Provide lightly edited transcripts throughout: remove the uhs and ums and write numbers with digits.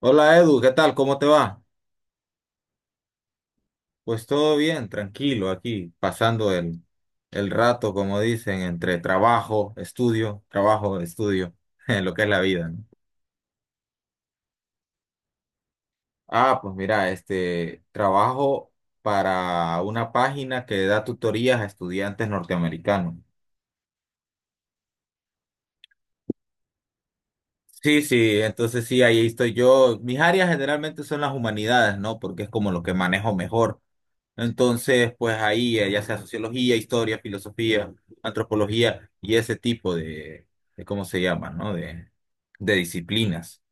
Hola Edu, ¿qué tal? ¿Cómo te va? Pues todo bien, tranquilo aquí, pasando el rato, como dicen, entre trabajo, estudio, en lo que es la vida, ¿no? Ah, pues mira, trabajo para una página que da tutorías a estudiantes norteamericanos. Sí, sí, entonces sí, ahí estoy yo. Mis áreas generalmente son las humanidades, ¿no? Porque es como lo que manejo mejor. Entonces, pues ahí, ya sea sociología, historia, filosofía, antropología y ese tipo de ¿cómo se llama, no? De disciplinas.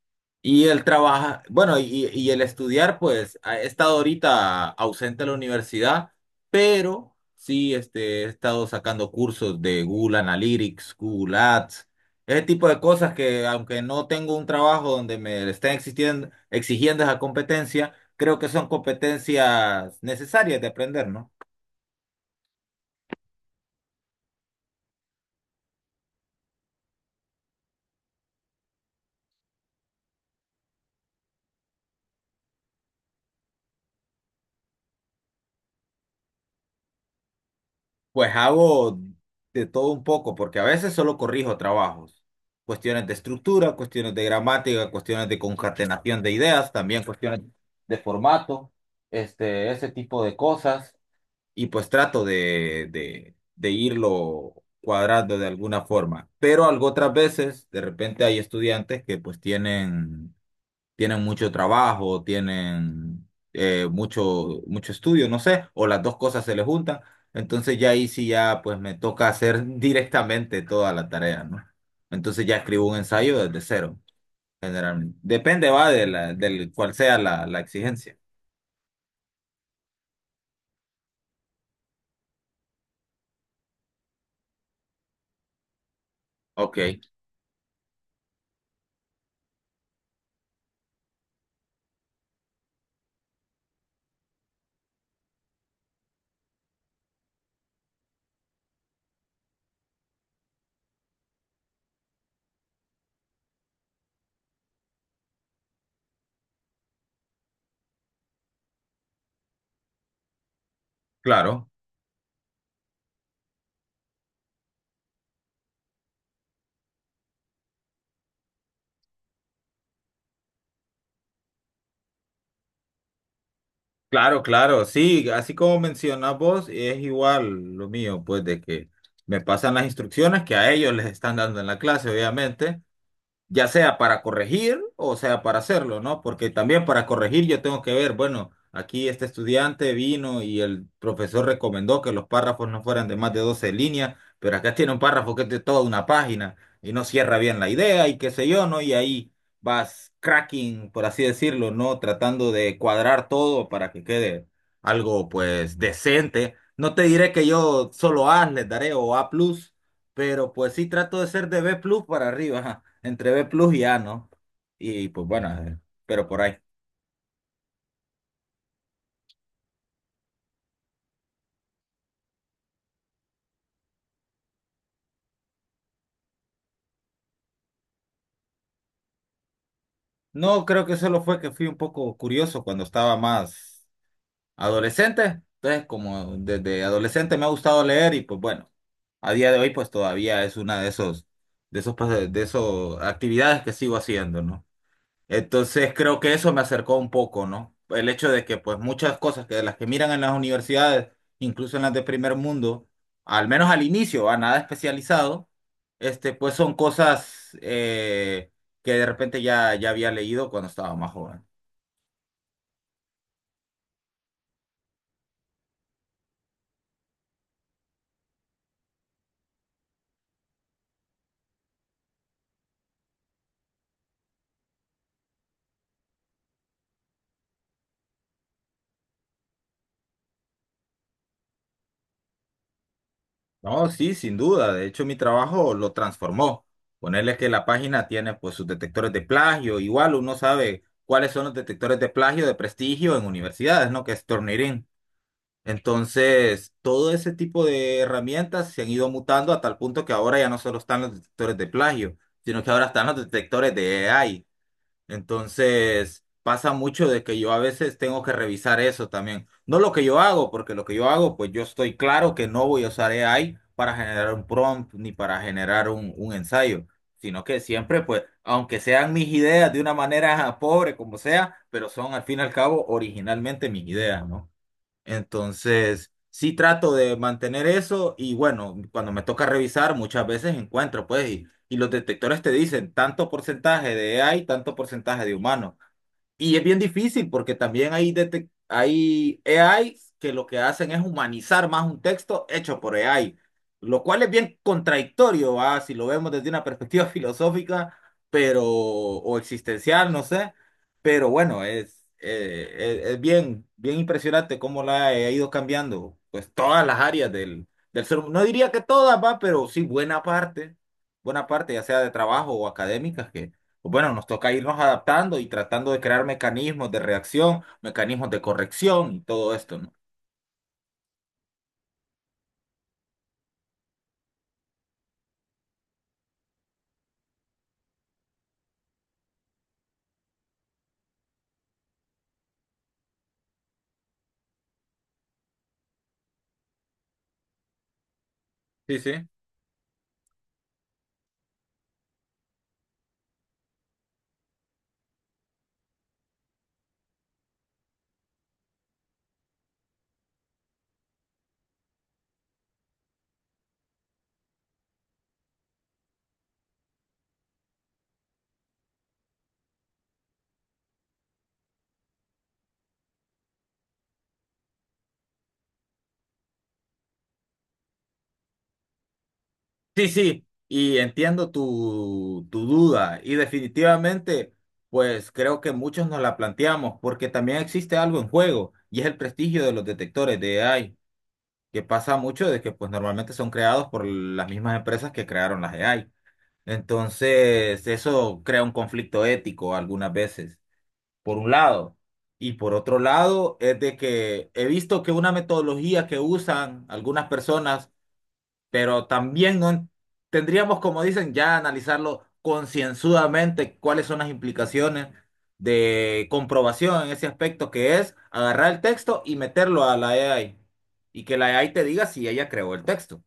Y él trabaja, bueno, y el estudiar, pues, he estado ahorita ausente de la universidad, pero sí, he estado sacando cursos de Google Analytics, Google Ads, ese tipo de cosas que, aunque no tengo un trabajo donde me estén exigiendo esa competencia, creo que son competencias necesarias de aprender, ¿no? Pues hago de todo un poco, porque a veces solo corrijo trabajos. Cuestiones de estructura, cuestiones de gramática, cuestiones de concatenación de ideas, también cuestiones de formato, ese tipo de cosas. Y pues trato de irlo cuadrando de alguna forma. Pero algo otras veces, de repente hay estudiantes que pues tienen mucho trabajo, tienen mucho, mucho estudio, no sé, o las dos cosas se les juntan. Entonces ya ahí sí ya pues me toca hacer directamente toda la tarea, ¿no? Entonces ya escribo un ensayo desde cero, generalmente. Depende, va, de del cuál sea la exigencia. Ok, claro, claro, claro. Sí, así como mencionas vos, es igual lo mío, pues de que me pasan las instrucciones que a ellos les están dando en la clase, obviamente. Ya sea para corregir o sea para hacerlo, ¿no? Porque también para corregir yo tengo que ver, bueno, aquí este estudiante vino y el profesor recomendó que los párrafos no fueran de más de 12 líneas, pero acá tiene un párrafo que es de toda una página y no cierra bien la idea y qué sé yo, ¿no? Y ahí vas cracking, por así decirlo, ¿no? Tratando de cuadrar todo para que quede algo pues decente. No te diré que yo solo A les daré o A+, pero pues sí trato de ser de B plus para arriba, ajá, entre B plus y A, ¿no? Y pues bueno, pero por ahí. No, creo que solo fue que fui un poco curioso cuando estaba más adolescente. Entonces, como desde adolescente me ha gustado leer y pues bueno, a día de hoy pues todavía es una de esos, de esos actividades que sigo haciendo, ¿no? Entonces creo que eso me acercó un poco, ¿no? El hecho de que pues muchas cosas que de las que miran en las universidades, incluso en las de primer mundo, al menos al inicio, a nada especializado, pues son cosas que de repente ya había leído cuando estaba más joven. No, sí, sin duda. De hecho, mi trabajo lo transformó. Ponerle que la página tiene pues sus detectores de plagio. Igual uno sabe cuáles son los detectores de plagio de prestigio en universidades, ¿no? Que es Turnitin. Entonces, todo ese tipo de herramientas se han ido mutando a tal punto que ahora ya no solo están los detectores de plagio, sino que ahora están los detectores de AI. Entonces, pasa mucho de que yo a veces tengo que revisar eso también. No lo que yo hago, porque lo que yo hago, pues yo estoy claro que no voy a usar AI para generar un prompt ni para generar un ensayo, sino que siempre, pues, aunque sean mis ideas de una manera pobre como sea, pero son al fin y al cabo originalmente mis ideas, ¿no? Entonces, sí trato de mantener eso y bueno, cuando me toca revisar, muchas veces encuentro, pues, y los detectores te dicen tanto porcentaje de AI, tanto porcentaje de humano. Y es bien difícil porque también hay AIs que lo que hacen es humanizar más un texto hecho por AI, lo cual es bien contradictorio, ¿va? Si lo vemos desde una perspectiva filosófica, pero, o existencial, no sé. Pero bueno, es bien, bien impresionante cómo la AI ha ido cambiando, pues todas las áreas del, del ser humano. No diría que todas, va, pero sí buena parte, ya sea de trabajo o académicas, bueno, nos toca irnos adaptando y tratando de crear mecanismos de reacción, mecanismos de corrección y todo esto, ¿no? Sí, sí. Sí, sí, y entiendo tu duda y definitivamente, pues creo que muchos nos la planteamos porque también existe algo en juego y es el prestigio de los detectores de AI, que pasa mucho de que pues normalmente son creados por las mismas empresas que crearon las AI. Entonces, eso crea un conflicto ético algunas veces, por un lado. Y por otro lado, es de que he visto que una metodología que usan algunas personas, pero también no en- tendríamos, como dicen, ya analizarlo concienzudamente cuáles son las implicaciones de comprobación en ese aspecto, que es agarrar el texto y meterlo a la AI. Y que la AI te diga si ella creó el texto.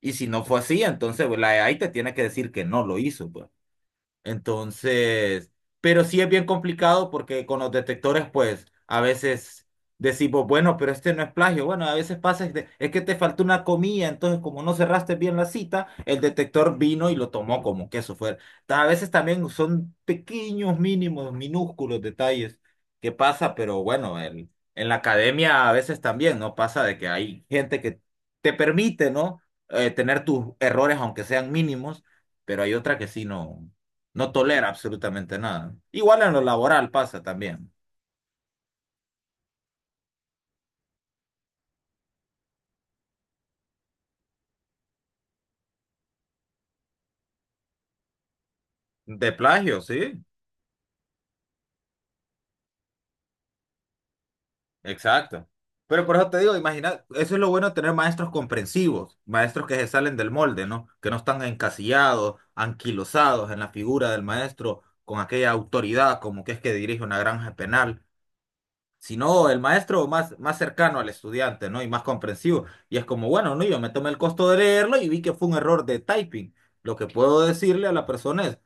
Y si no fue así, entonces pues, la AI te tiene que decir que no lo hizo, pues. Entonces, pero sí es bien complicado porque con los detectores, pues a veces decimos, bueno, pero este no es plagio. Bueno, a veces pasa, es que te faltó una comilla entonces como no cerraste bien la cita, el detector vino y lo tomó como que eso fuera. A veces también son pequeños, mínimos, minúsculos detalles que pasa, pero bueno, en la academia a veces también, ¿no? Pasa de que hay gente que te permite, ¿no? Tener tus errores, aunque sean mínimos, pero hay otra que sí, no. No tolera absolutamente nada. Igual en lo laboral pasa también. De plagio, sí, exacto. Pero por eso te digo, imagina, eso es lo bueno de tener maestros comprensivos, maestros que se salen del molde, ¿no? Que no están encasillados, anquilosados en la figura del maestro con aquella autoridad como que es que dirige una granja penal, sino el maestro más, más cercano al estudiante, ¿no? Y más comprensivo. Y es como, bueno, no, yo me tomé el costo de leerlo y vi que fue un error de typing. Lo que puedo decirle a la persona es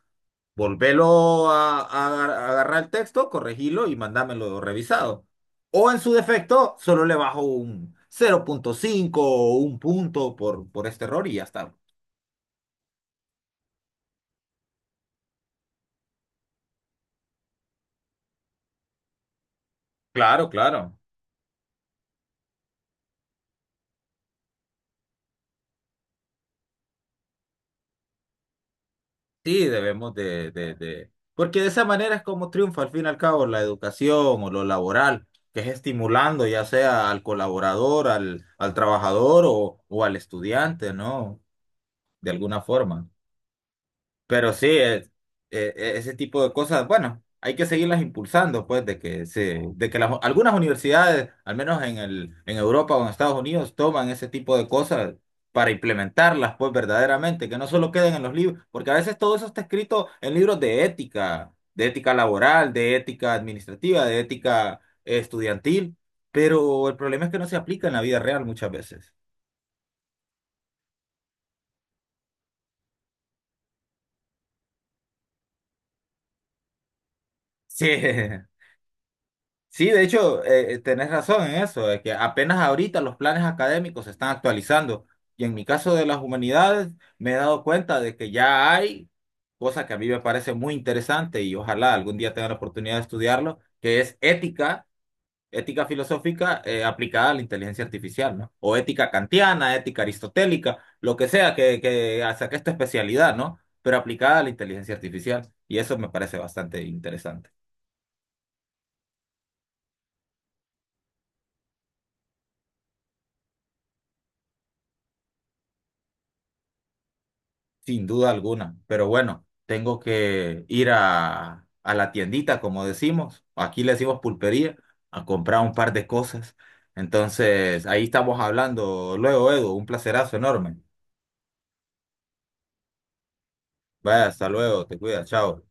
volvelo a agarrar el texto, corregilo y mandámelo revisado. O en su defecto, solo le bajo un 0.5 o un punto por este error y ya está. Claro, claro. Sí, debemos de Porque de esa manera es como triunfa al fin y al cabo la educación o lo laboral, que es estimulando ya sea al colaborador, al trabajador o al estudiante, ¿no? De alguna forma. Pero sí, ese tipo de cosas, bueno, hay que seguirlas impulsando, pues, de que de que algunas universidades, al menos en en Europa o en Estados Unidos, toman ese tipo de cosas para implementarlas, pues, verdaderamente, que no solo queden en los libros, porque a veces todo eso está escrito en libros de ética laboral, de ética administrativa, de ética estudiantil, pero el problema es que no se aplica en la vida real muchas veces. Sí. Sí, de hecho, tenés razón en eso, de que apenas ahorita los planes académicos se están actualizando. Y en mi caso de las humanidades, me he dado cuenta de que ya hay cosa que a mí me parece muy interesante y ojalá algún día tenga la oportunidad de estudiarlo, que es ética, ética filosófica aplicada a la inteligencia artificial, ¿no? O ética kantiana, ética aristotélica, lo que sea que saque esta especialidad, ¿no? Pero aplicada a la inteligencia artificial. Y eso me parece bastante interesante. Sin duda alguna, pero bueno, tengo que ir a la tiendita, como decimos, aquí le decimos pulpería, a comprar un par de cosas. Entonces, ahí estamos hablando luego, Edu, un placerazo enorme. Vaya, hasta luego, te cuidas, chao.